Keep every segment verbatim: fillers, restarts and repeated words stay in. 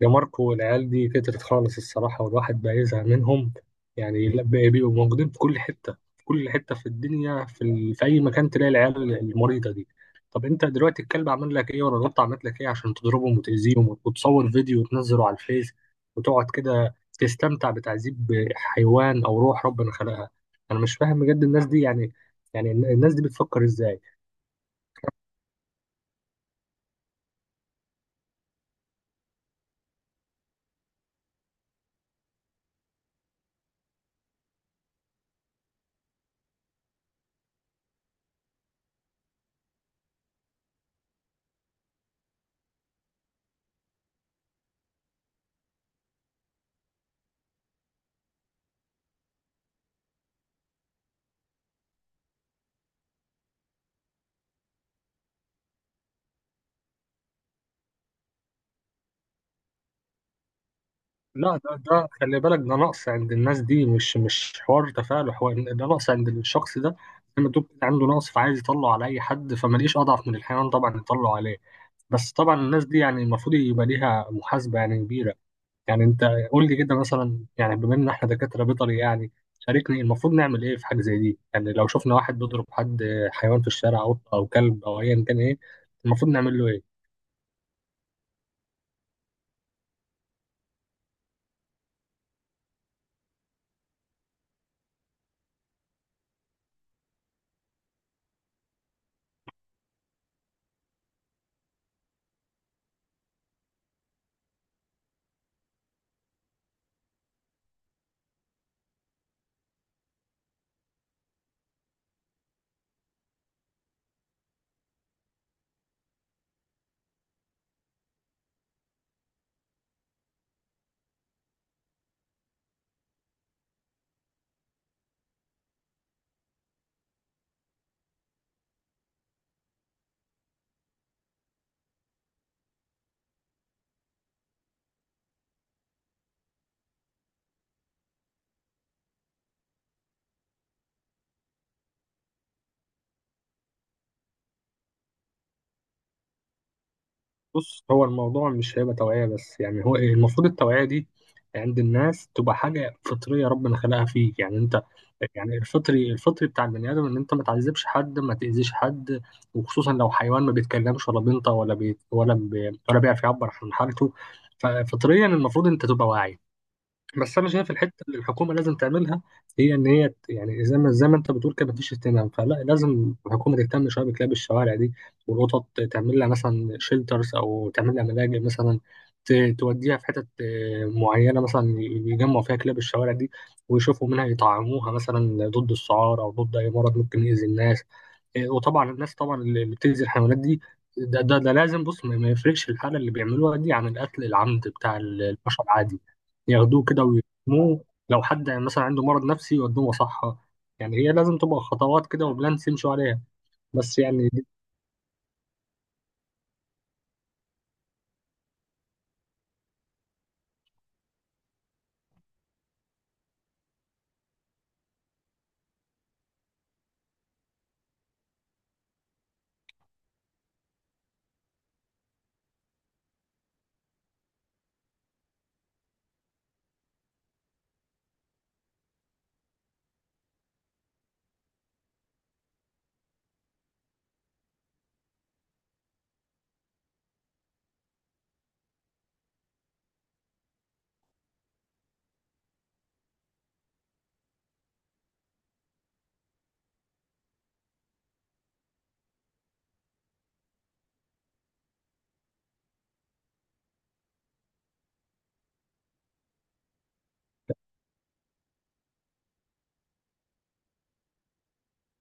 يا ماركو، العيال دي كترت خالص الصراحة، والواحد بقى يزهق منهم. يعني لا بقى بيبقوا موجودين في كل حتة، في كل حتة في الدنيا، في, ال... في أي مكان تلاقي العيال المريضة دي. طب أنت دلوقتي الكلب عمل لك إيه، ولا القطة عملت لك إيه، عشان تضربهم وتأذيهم وت- وتصور فيديو وتنزله على الفيس، وتقعد كده تستمتع بتعذيب حيوان أو روح ربنا خلقها؟ أنا مش فاهم بجد الناس دي يعني. يعني الناس دي بتفكر إزاي؟ لا، ده ده خلي بالك، ده نقص عند الناس دي، مش مش حوار تفاعل، حوار ده نقص عند الشخص ده. لما تقول كده عنده نقص، فعايز يطلع على اي حد، فما لقيش اضعف من الحيوان طبعا يطلع عليه. بس طبعا الناس دي يعني المفروض يبقى ليها محاسبه يعني كبيره. يعني انت قول لي كده مثلا، يعني بما ان احنا دكاتره بيطري يعني، شاركني المفروض نعمل ايه في حاجه زي دي؟ يعني لو شفنا واحد بيضرب حد، حيوان في الشارع، قطه او كلب او ايا كان، ايه المفروض نعمل له ايه؟ بص، هو الموضوع مش هيبقى توعية بس، يعني هو إيه، المفروض التوعية دي عند الناس تبقى حاجة فطرية ربنا خلقها فيك. يعني انت يعني الفطري، الفطري بتاع البني آدم ان انت ما تعذبش حد، ما تأذيش حد. وخصوصا لو حيوان ما بيتكلمش ولا بينطق ولا بي ولا بي ولا بيعرف يعبر عن حالته. ففطريا المفروض انت تبقى واعي. بس انا شايف الحته اللي الحكومه لازم تعملها، هي ان هي ت- يعني زي ما زي ما انت بتقول كده، مفيش اهتمام. فلا، لازم الحكومه تهتم شويه بكلاب الشوارع دي والقطط. تعمل لها مثلا شيلترز، او تعمل لها ملاجئ مثلا. ت- توديها في حتت آه، معينه، مثلا ي- يجمعوا فيها كلاب الشوارع دي ويشوفوا منها، يطعموها مثلا ضد السعار او ضد اي مرض ممكن يأذي الناس. آه، وطبعا الناس طبعا اللي اللي بتأذي الحيوانات دي، ده ده, ده لازم بص، ما ما يفرقش الحالة اللي بيعملوها دي عن القتل العمد بتاع ال- البشر. عادي ياخدوه كده ويرموه. لو حد مثلا عنده مرض نفسي يودوه مصحة. يعني هي لازم تبقى خطوات كده وبلانس يمشوا عليها. بس يعني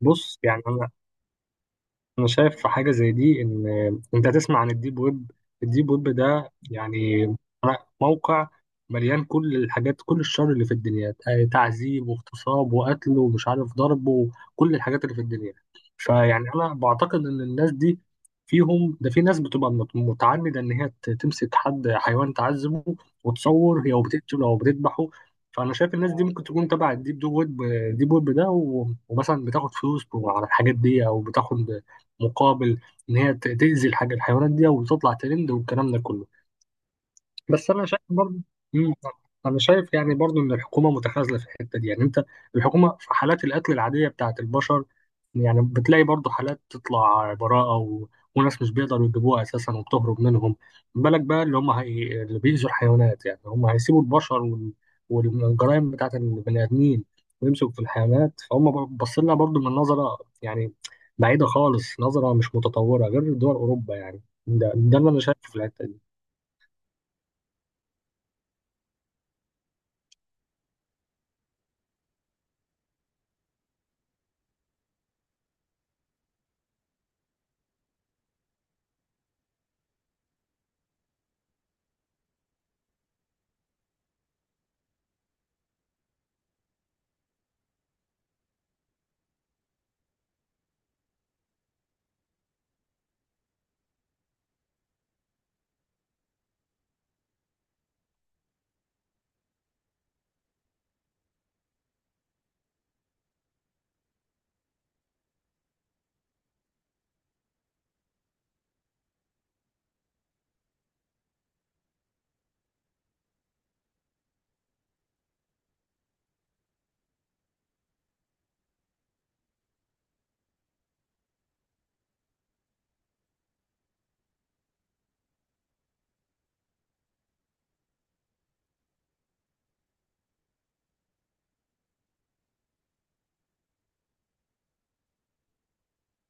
بص، يعني انا شايف في حاجه زي دي، ان انت تسمع عن الديب ويب. الديب ويب ده يعني موقع مليان كل الحاجات، كل الشر اللي في الدنيا. آه، تعذيب واغتصاب وقتل ومش عارف ضرب وكل الحاجات اللي في الدنيا. فيعني انا بعتقد ان الناس دي فيهم ده، في ناس بتبقى مت- متعمده ان هي ت- تمسك حد حيوان تعذبه وتصور هي، وبتقتله او بتذبحه. فانا شايف الناس دي ممكن تكون تبع الديب دو ويب، ديب ويب ده، و- ومثلا بتاخد فلوس على الحاجات دي، او بتاخد مقابل ان هي ت- تأذي الحاجه الحيوانات دي وتطلع ترند والكلام ده كله. بس انا شايف برضه. مم. انا شايف يعني برضه ان الحكومه متخاذله في الحته دي. يعني انت الحكومه في حالات القتل العاديه بتاعت البشر، يعني بتلاقي برضه حالات تطلع براءه، و... وناس مش بيقدروا يجيبوها اساسا وبتهرب منهم. بالك بقى اللي هم هي... اللي بيأذوا الحيوانات، يعني هم هيسيبوا البشر وال... والجرائم بتاعت البني ادمين ويمسكوا في الحيوانات؟ فهم باصين لنا برضه من نظره يعني بعيده خالص، نظره مش متطوره غير دول اوروبا يعني. ده, ده اللي انا شايفه في الحته دي.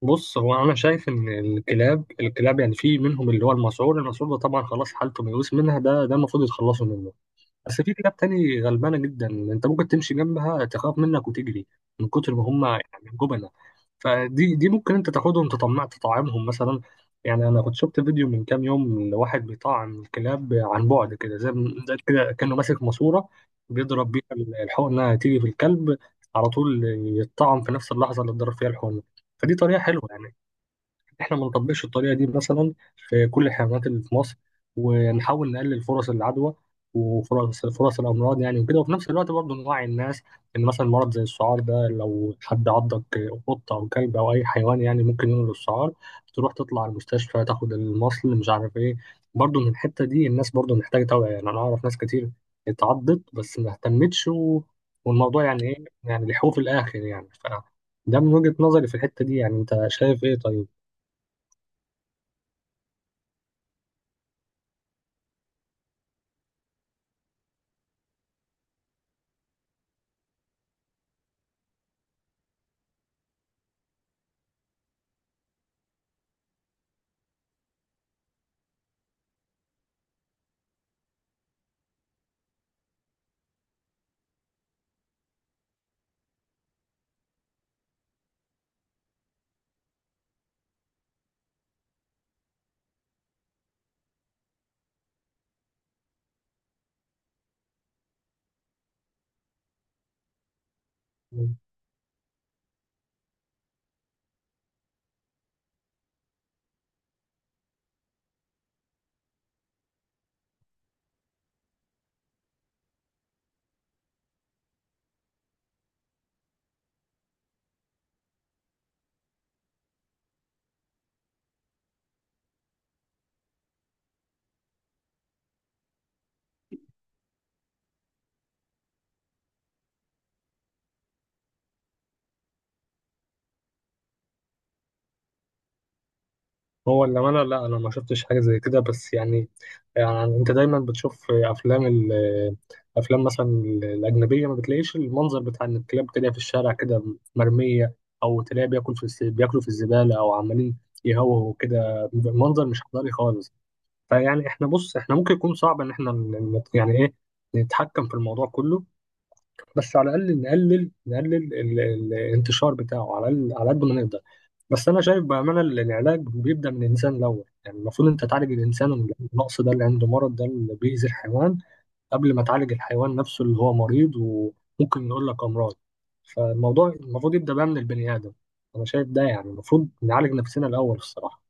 بص، هو انا شايف ان الكلاب الكلاب يعني في منهم اللي هو المسعور، المسعور ده طبعا خلاص حالته ميؤوس منها، ده ده المفروض يتخلصوا منه. بس في كلاب تاني غلبانة جدا، انت ممكن تمشي جنبها تخاف منك وتجري من كتر ما هم يعني جبنة. فدي دي ممكن انت تاخدهم تطمع تطعمهم مثلا. يعني انا كنت شفت فيديو من كام يوم لواحد بيطعم الكلاب عن بعد كده، زي زي كده كانه ماسك ماسورة بيضرب بيها الحقنة انها تيجي في الكلب على طول، يتطعم في نفس اللحظة اللي اتضرب فيها الحقنة. فدي طريقة حلوة يعني. احنا ما نطبقش الطريقه دي مثلا في كل الحيوانات اللي في مصر، ونحاول نقلل فرص العدوى وفرص فرص الامراض يعني وكده. وفي نفس الوقت برضه نوعي الناس ان مثلا مرض زي السعار ده، لو حد عضك، قطه او كلب او اي حيوان، يعني ممكن ينقل السعار، تروح تطلع على المستشفى تاخد المصل مش عارف ايه. برضه من الحته دي الناس برضه محتاجه توعيه. يعني انا اعرف ناس كتير اتعضت بس ما اهتمتش، و... والموضوع يعني ايه يعني لحقوه في الاخر يعني ف... ده من وجهة نظري في الحتة دي. يعني انت شايف ايه طيب؟ هو اللي انا لا، انا ما شفتش حاجه زي كده بس يعني، يعني انت دايما بتشوف افلام ال- افلام مثلا الاجنبيه، ما بتلاقيش المنظر بتاع ان الكلاب بتلاقيها في الشارع كده مرميه، او تلاقيها بياكل في الس- بياكلوا في الزباله، او عمالين يهوهوا كده. منظر مش حضاري خالص. فيعني احنا بص، احنا ممكن يكون صعب ان احنا ن- ن- يعني ايه نتحكم في الموضوع كله، بس على الاقل نقلل، نقلل ال- ال- الانتشار بتاعه على ال- على قد ما نقدر. بس انا شايف بامانه ال- العلاج بيبدا من الانسان الاول. يعني المفروض انت تعالج الانسان من النقص ده اللي عنده، مرض ده اللي بيأذي الحيوان، قبل ما تعالج الحيوان نفسه اللي هو مريض وممكن يقول لك امراض. فالموضوع المفروض يبدا بقى من البني ادم. انا شايف ده يعني المفروض نعالج نفسنا الاول الصراحه.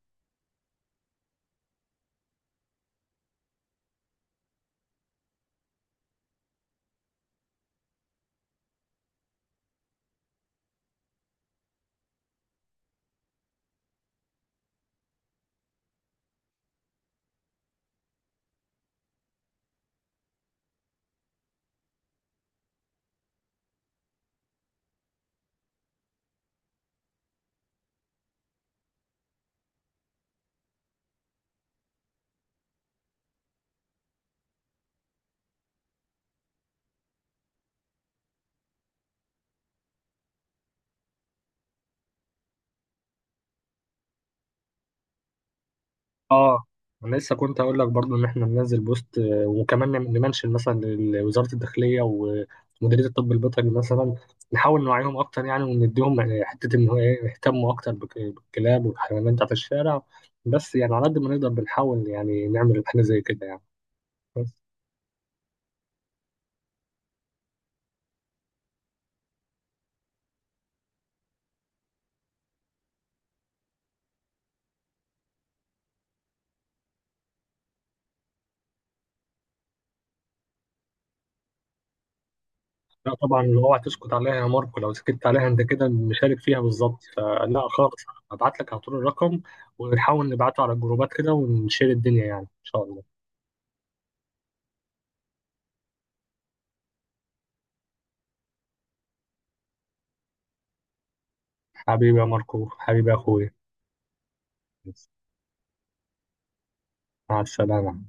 اه، انا لسه كنت اقول لك برضو ان احنا ننزل بوست، آه، وكمان نم- نمنشن مثلا لوزاره الداخليه ومديريه الطب البيطري مثلا. نحاول نوعيهم اكتر يعني، ونديهم آه، حته ان هو ايه، يهتموا اكتر بك- بالكلاب والحيوانات بتاعت الشارع. بس يعني على قد ما نقدر بنحاول يعني نعمل حاجه زي كده يعني. بس لا طبعا اوعى تسكت عليها يا ماركو، لو سكت عليها انت كده مشارك فيها بالظبط. فلا خالص، هبعت لك على طول الرقم، ونحاول نبعته على الجروبات كده ونشير الدنيا يعني، ان شاء الله. حبيبي يا ماركو، حبيبي يا اخويا. مع السلامة.